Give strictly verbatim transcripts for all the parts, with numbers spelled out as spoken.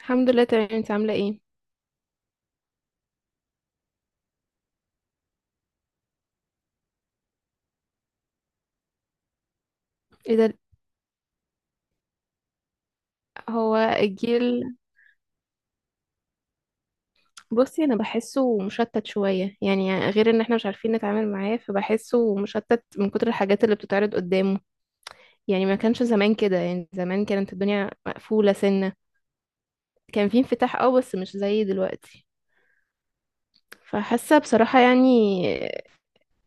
الحمد لله تمام، انت عامله ايه؟ ايه ده؟ هو الجيل، بصي انا بحسه مشتت شويه يعني، غير ان احنا مش عارفين نتعامل معاه فبحسه مشتت من كتر الحاجات اللي بتتعرض قدامه. يعني ما كانش زمان كده، يعني زمان كانت الدنيا مقفوله سنه. كان في انفتاح اه بس مش زي دلوقتي. فحاسه بصراحه يعني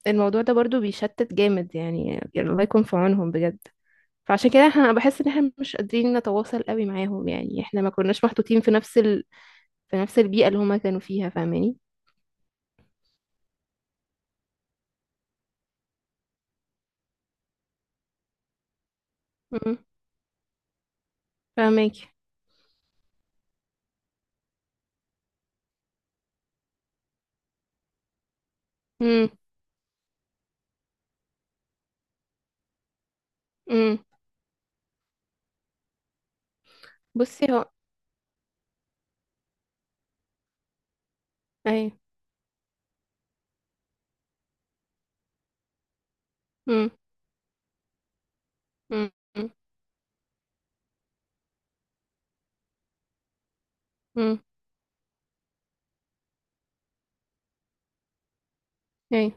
الموضوع ده برضو بيشتت جامد، يعني الله يكون في عونهم بجد. فعشان كده احنا بحس ان احنا مش قادرين نتواصل قوي معاهم، يعني احنا ما كناش محطوطين في نفس في نفس البيئة اللي هما كانوا فيها، فاهماني؟ امم. فاهمك. امم. امم. بصي هو. ايوه. امم. امم. امم. ايوه.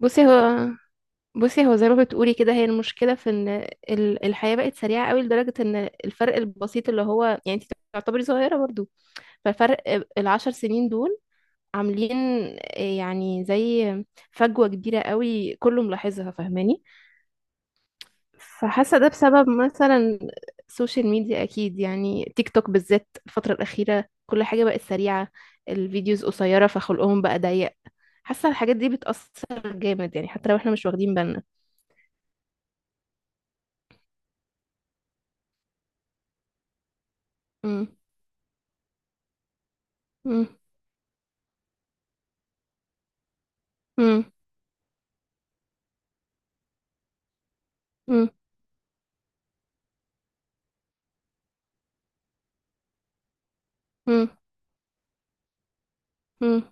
بصي هو بصي هو زي ما بتقولي كده، هي المشكلة في ان ال- الحياة بقت سريعة قوي، لدرجة ان الفرق البسيط اللي هو يعني انت تعتبري صغيرة برضو، فالفرق العشر سنين دول عاملين يعني زي فجوة كبيرة قوي، كله ملاحظها، فاهماني؟ فحاسة ده بسبب مثلا السوشيال ميديا، أكيد، يعني تيك توك بالذات الفترة الأخيرة، كل حاجة بقت سريعة، الفيديوز قصيرة فخلقهم بقى ضيق. حاسة الحاجات دي بتأثر جامد، يعني حتى لو احنا مش واخدين بالنا. مم. مم. مم. مم. مم. مم.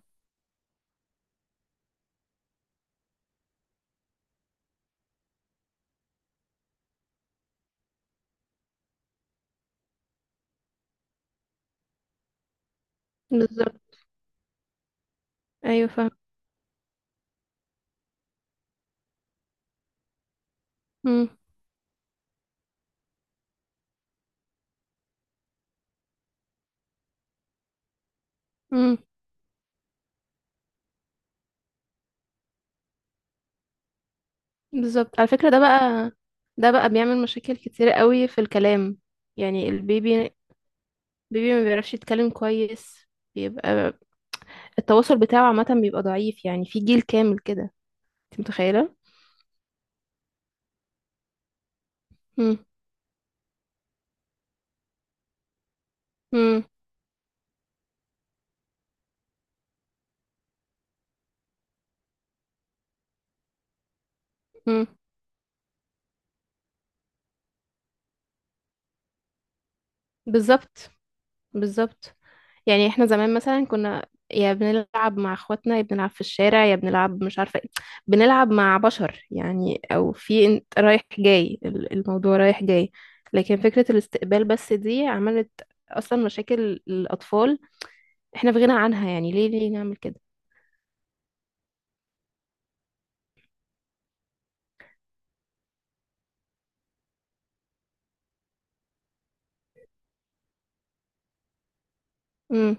بالظبط. أيوة، فاهم. مم. مم. بالظبط، على فكرة ده بقى، ده بقى بيعمل مشاكل كتير قوي في الكلام، يعني البيبي، بيبي ما بيعرفش يتكلم كويس، بيبقى التواصل بتاعه عامة بيبقى ضعيف، يعني في جيل كامل كده، انت متخيلة؟ مم. مم. مم. بالظبط. بالظبط. يعني احنا زمان مثلا كنا يا بنلعب مع اخواتنا، يا بنلعب في الشارع، يا بنلعب مش عارفة ايه، بنلعب مع بشر يعني، او في انت رايح جاي، ال- الموضوع رايح جاي. لكن فكرة الاستقبال بس دي عملت اصلا مشاكل الاطفال احنا في غنى عنها، يعني ليه ليه نعمل كده؟ مم.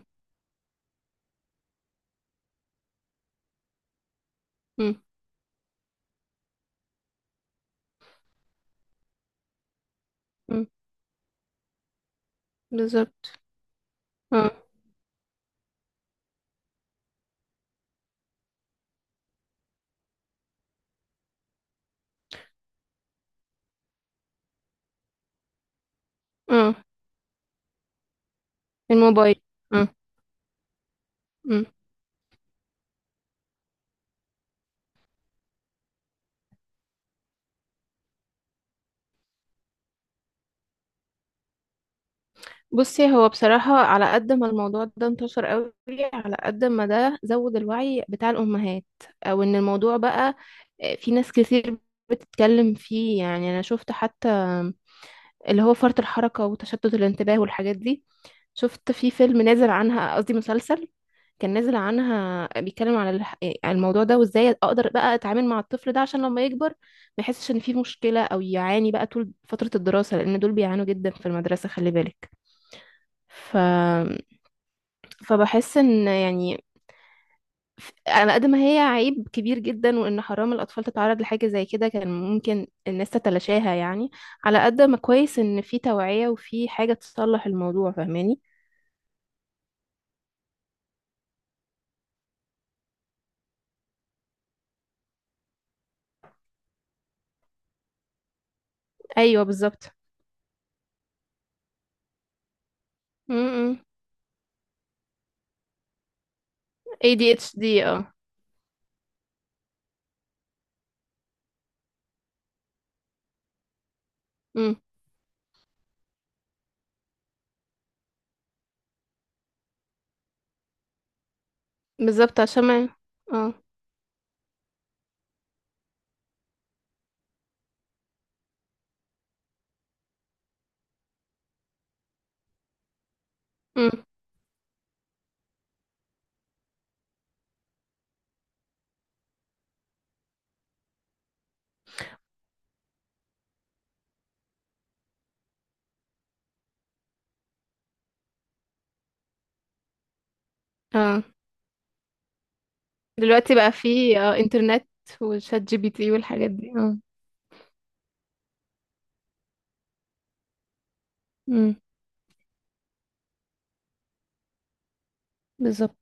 مم. مم. بالظبط. اه. اه. الموبايل. اه. بصي هو بصراحة، على قد ما الموضوع ده انتشر قوي، على قد ما ده زود الوعي بتاع الأمهات، أو إن الموضوع بقى آه، في ناس كتير بتتكلم فيه. يعني أنا شفت حتى اللي هو فرط الحركة وتشتت الانتباه والحاجات دي، شفت في فيلم نازل عنها، قصدي مسلسل، كان نازل عنها بيتكلم على الح- على الموضوع ده، وازاي اقدر بقى اتعامل مع الطفل ده عشان لما يكبر ما يحسش ان في مشكلة او يعاني بقى طول فترة الدراسة، لان دول بيعانوا جدا في المدرسة، خلي بالك. فبحس ان يعني ف- على قد ما هي عيب كبير جدا، وان حرام الاطفال تتعرض لحاجه زي كده، كان ممكن الناس تتلاشاها يعني، على قد ما كويس ان في توعيه وفي حاجه تصلح الموضوع، فاهماني؟ ايوه، بالظبط. امم. إيه دي إتش دي، اه. امم. بالظبط، عشان ما. اه. امم. اه، دلوقتي بقى في اه انترنت وشات جي بي تي والحاجات دي، اه. امم. بالظبط.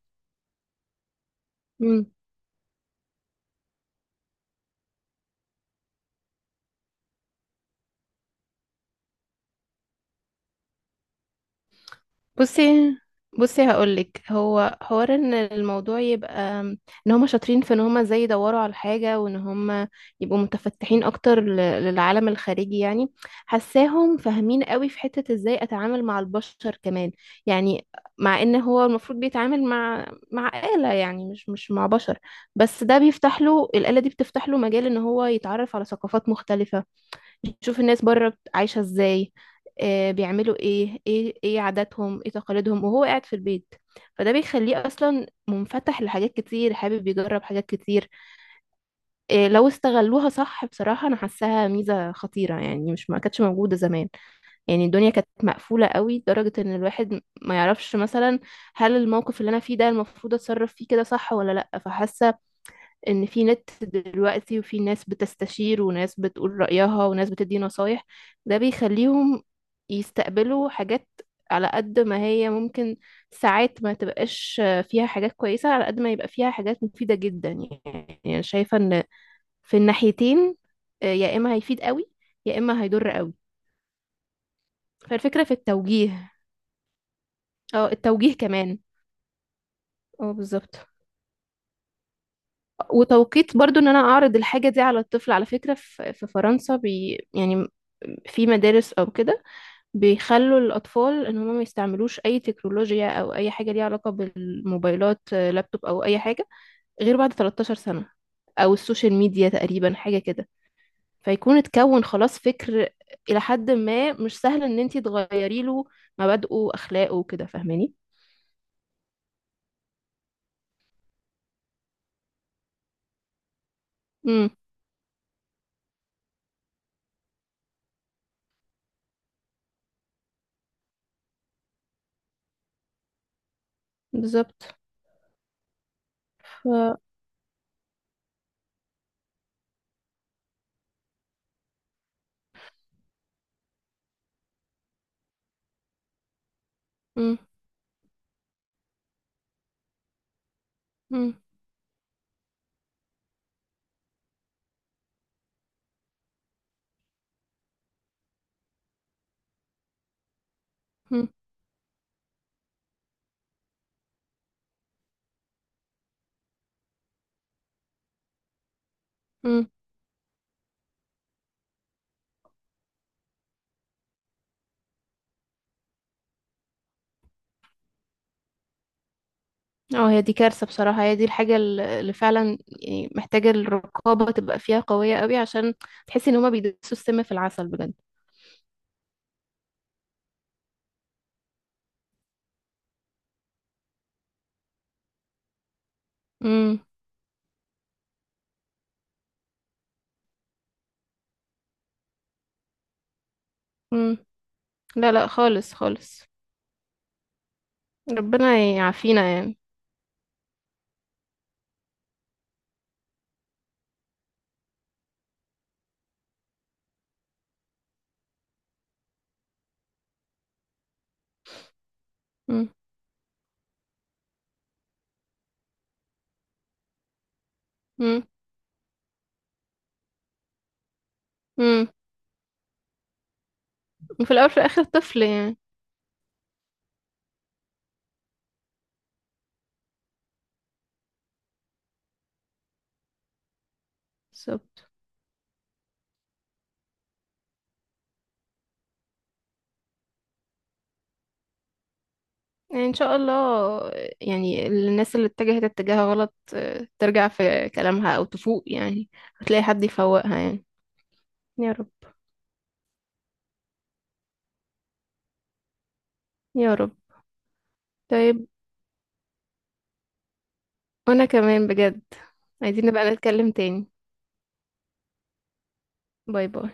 بصي. بصي هقولك هو حوار ان الموضوع يبقى ان هما شاطرين في ان هما ازاي يدوروا على الحاجة، وان هما يبقوا متفتحين اكتر ل- للعالم الخارجي يعني. حساهم فاهمين قوي في حتة ازاي اتعامل مع البشر كمان، يعني مع ان هو المفروض بيتعامل مع مع آلة، يعني مش مش مع بشر، بس ده بيفتح له، الآلة دي بتفتح له مجال ان هو يتعرف على ثقافات مختلفة، بتشوف الناس بره بت- عايشة ازاي، آه، بيعملوا ايه، ايه ايه عاداتهم، ايه تقاليدهم، وهو قاعد في البيت. فده بيخليه اصلا منفتح لحاجات كتير، حابب يجرب حاجات كتير. إيه، لو استغلوها صح بصراحة انا حاساها ميزة خطيرة، يعني مش ما كانتش موجودة زمان، يعني الدنيا كانت مقفولة قوي لدرجة ان الواحد ما يعرفش مثلا هل الموقف اللي انا فيه ده المفروض اتصرف فيه كده صح ولا لا. فحاسة ان في نت دلوقتي، وفي ناس بتستشير، وناس بتقول رأيها، وناس بتدي نصايح، ده بيخليهم يستقبلوا حاجات على قد ما هي ممكن ساعات ما تبقاش فيها حاجات كويسة، على قد ما يبقى فيها حاجات مفيدة جدا. يعني أنا شايفة ان في الناحيتين، آه، يا اما هيفيد قوي يا اما هيضر قوي. فالفكرة في التوجيه، اه التوجيه كمان. اه، بالظبط. وتوقيت برضو ان انا اعرض الحاجة دي على الطفل. على فكرة في في فرنسا، بي يعني، في مدارس او كده، بيخلوا الاطفال ان هم ما يستعملوش اي تكنولوجيا او اي حاجة ليها علاقة بالموبايلات، آه، لابتوب او اي حاجة، غير بعد ثلاثة عشر سنة، او السوشيال ميديا، تقريبا حاجة كده، فيكون اتكون خلاص فكر الى حد ما، مش سهل ان انتي تغيري له مبادئه واخلاقه وكده، فاهماني؟ امم. بالظبط. ف... مم. مم. مم. مم. اه، هي دي كارثة بصراحة، هي دي الحاجة الل- اللي فعلا يعني محتاجة الرقابة تبقى فيها قوية قوي، عشان تحسي ان هما بيدسوا السم في العسل بجد. امم. امم. لا لا، خالص خالص. ربنا يعافينا يعني. امم. امم. امم. وفي الاول في الاخر طفل يعني. بالظبط. يعني ان شاء الله، يعني الناس اللي اتجهت اتجاه غلط آه، ترجع في كلامها او تفوق يعني، هتلاقي حد يفوقها يعني. يا رب. يا رب. طيب. وانا كمان بجد، عايزين نبقى نتكلم تاني. باي باي.